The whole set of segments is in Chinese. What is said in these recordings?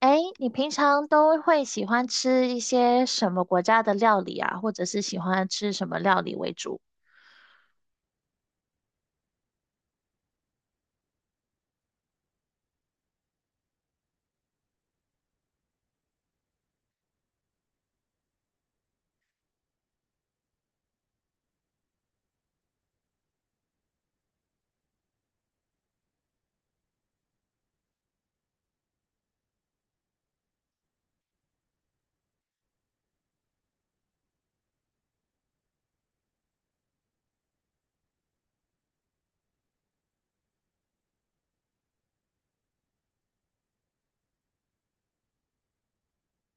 哎，你平常都会喜欢吃一些什么国家的料理啊，或者是喜欢吃什么料理为主？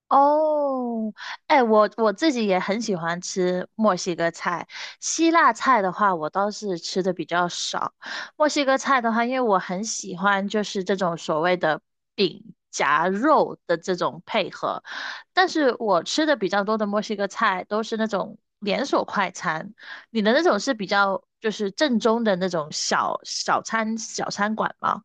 哦，哎，我自己也很喜欢吃墨西哥菜，希腊菜的话，我倒是吃的比较少。墨西哥菜的话，因为我很喜欢就是这种所谓的饼夹肉的这种配合，但是我吃的比较多的墨西哥菜都是那种连锁快餐，你的那种是比较就是正宗的那种小餐馆吗？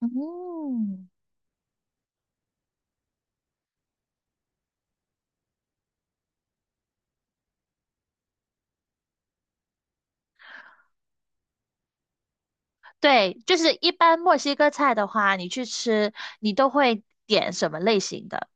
嗯。对，就是一般墨西哥菜的话，你去吃，你都会点什么类型的？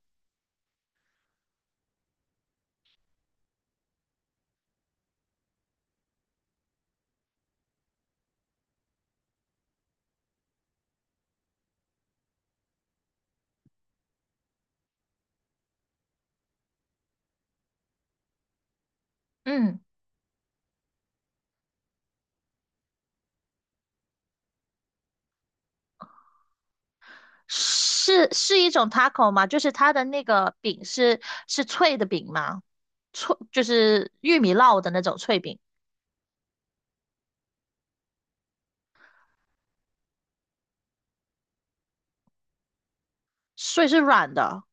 嗯，是是一种 taco 吗？就是它的那个饼是是脆的饼吗？脆就是玉米烙的那种脆饼，所以是软的。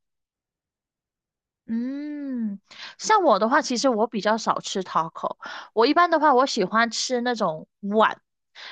嗯，像我的话，其实我比较少吃 taco，我一般的话，我喜欢吃那种碗，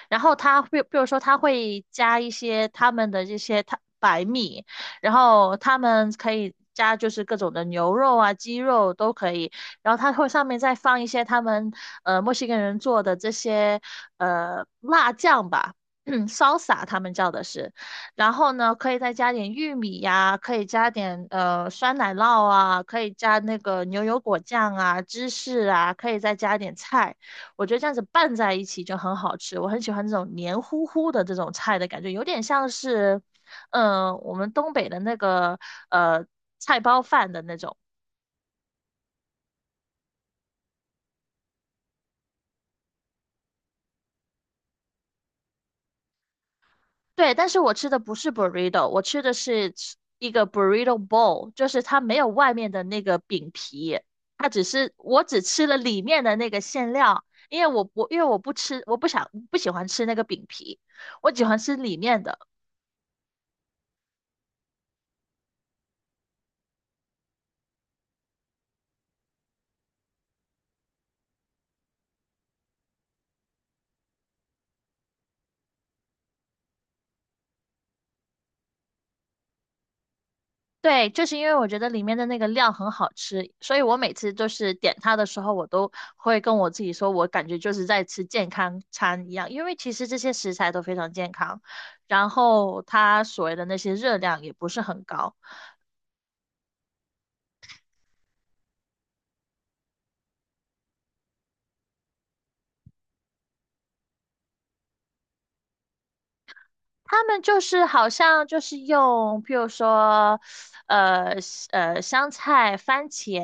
然后他会，比如说他会加一些他们的这些他白米，然后他们可以加就是各种的牛肉啊、鸡肉都可以，然后他会上面再放一些他们墨西哥人做的这些辣酱吧。嗯 s a 他们叫的是，然后呢，可以再加点玉米呀，可以加点酸奶酪啊，可以加那个牛油果酱啊、芝士啊，可以再加点菜。我觉得这样子拌在一起就很好吃，我很喜欢这种黏糊糊的这种菜的感觉，有点像是，嗯，我们东北的那个呃菜包饭的那种。对，但是我吃的不是 burrito，我吃的是一个 burrito bowl，就是它没有外面的那个饼皮，它只是我只吃了里面的那个馅料，因为我不吃，我不喜欢吃那个饼皮，我喜欢吃里面的。对，就是因为我觉得里面的那个料很好吃，所以我每次就是点它的时候，我都会跟我自己说，我感觉就是在吃健康餐一样，因为其实这些食材都非常健康，然后它所谓的那些热量也不是很高。他们就是好像就是用，譬如说，呃，香菜、番茄，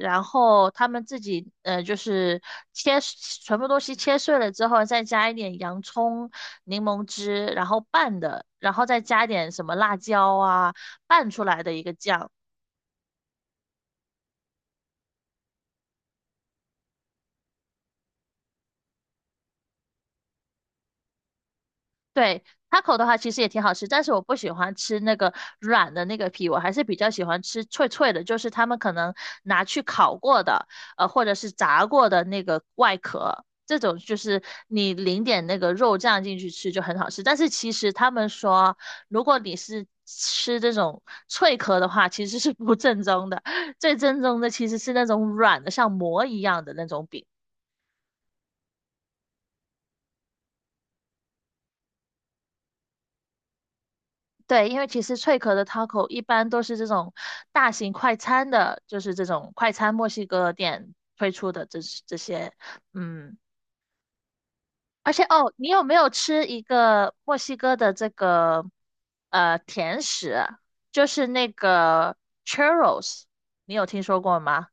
然后他们自己就是切全部东西切碎了之后，再加一点洋葱、柠檬汁，然后拌的，然后再加点什么辣椒啊，拌出来的一个酱。对，taco 的话其实也挺好吃，但是我不喜欢吃那个软的那个皮，我还是比较喜欢吃脆脆的，就是他们可能拿去烤过的，或者是炸过的那个外壳，这种就是你淋点那个肉酱进去吃就很好吃。但是其实他们说，如果你是吃这种脆壳的话，其实是不正宗的，最正宗的其实是那种软的，像馍一样的那种饼。对，因为其实脆壳的 taco 一般都是这种大型快餐的，就是这种快餐墨西哥店推出的这些，嗯，而且哦，你有没有吃一个墨西哥的这个甜食啊就是那个 churros，你有听说过吗？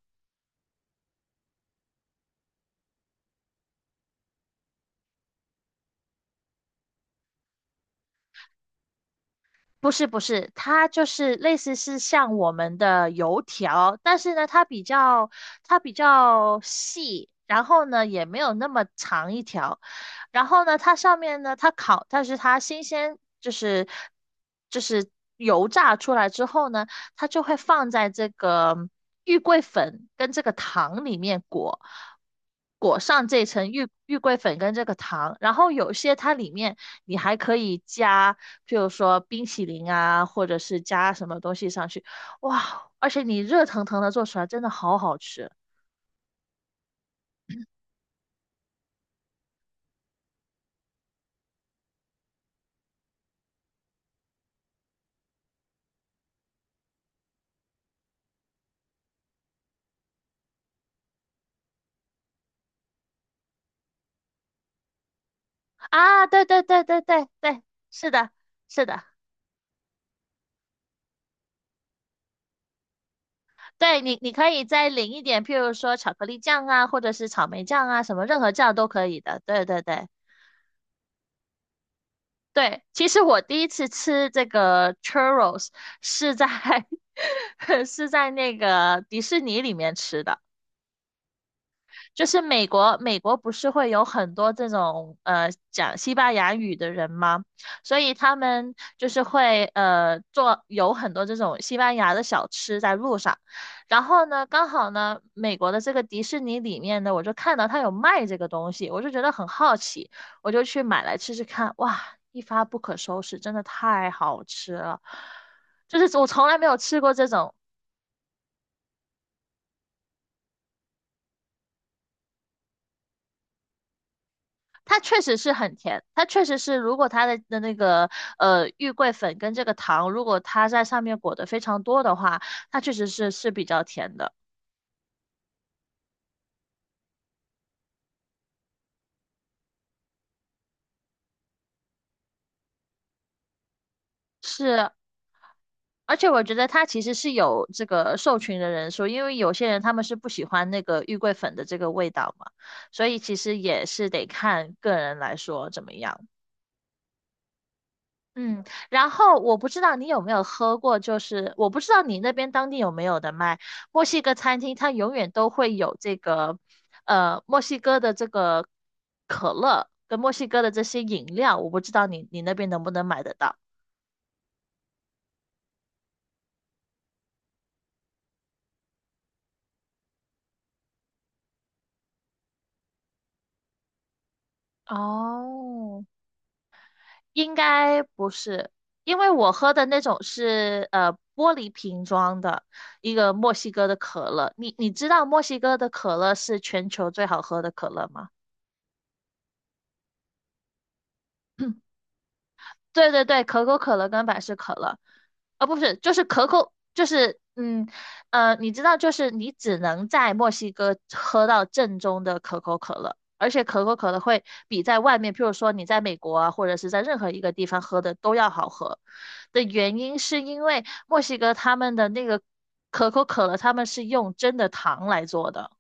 不是不是，它就是类似是像我们的油条，但是呢，它比较细，然后呢也没有那么长一条，然后呢它上面呢它烤，但是它新鲜就是油炸出来之后呢，它就会放在这个玉桂粉跟这个糖里面裹，裹上这层玉桂粉跟这个糖，然后有些它里面你还可以加，譬如说冰淇淋啊，或者是加什么东西上去，哇，而且你热腾腾的做出来真的好好吃啊！对对对对对对，是的，是的。对你，你可以再淋一点，譬如说巧克力酱啊，或者是草莓酱啊，什么任何酱都可以的。对对对。对，其实我第一次吃这个 churros 是在 是在那个迪士尼里面吃的。就是美国，美国不是会有很多这种讲西班牙语的人吗？所以他们就是会做有很多这种西班牙的小吃在路上。然后呢，刚好呢，美国的这个迪士尼里面呢，我就看到它有卖这个东西，我就觉得很好奇，我就去买来吃吃看。哇，一发不可收拾，真的太好吃了！就是我从来没有吃过这种它确实是很甜，它确实是，如果它的那个玉桂粉跟这个糖，如果它在上面裹得非常多的话，它确实是是比较甜的，是。而且我觉得它其实是有这个受群的人说，因为有些人他们是不喜欢那个玉桂粉的这个味道嘛，所以其实也是得看个人来说怎么样。嗯，然后我不知道你有没有喝过，就是我不知道你那边当地有没有的卖墨西哥餐厅，它永远都会有这个，呃，墨西哥的这个可乐跟墨西哥的这些饮料，我不知道你你那边能不能买得到，哦，应该不是，因为我喝的那种是玻璃瓶装的一个墨西哥的可乐，你你知道墨西哥的可乐是全球最好喝的可乐吗？对对对，可口可乐跟百事可乐，啊，不是，就是可口，就是嗯，你知道，就是你只能在墨西哥喝到正宗的可口可乐，而且可口可乐会比在外面，譬如说你在美国啊，或者是在任何一个地方喝的都要好喝。的原因是因为墨西哥他们的那个可口可乐，他们是用真的糖来做的，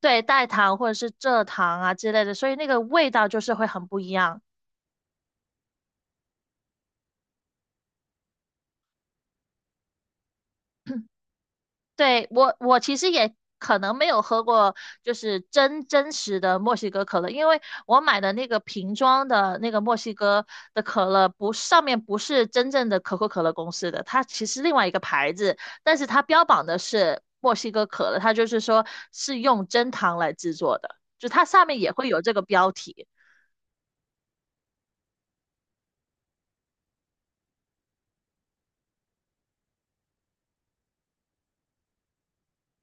对，代糖或者是蔗糖啊之类的，所以那个味道就是会很不一样。对，我其实也可能没有喝过，就是真真实的墨西哥可乐，因为我买的那个瓶装的那个墨西哥的可乐不，上面不是真正的可口可乐公司的，它其实另外一个牌子，但是它标榜的是墨西哥可乐，它就是说是用真糖来制作的，就它上面也会有这个标题。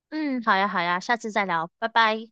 嗯，好呀好呀，下次再聊，拜拜。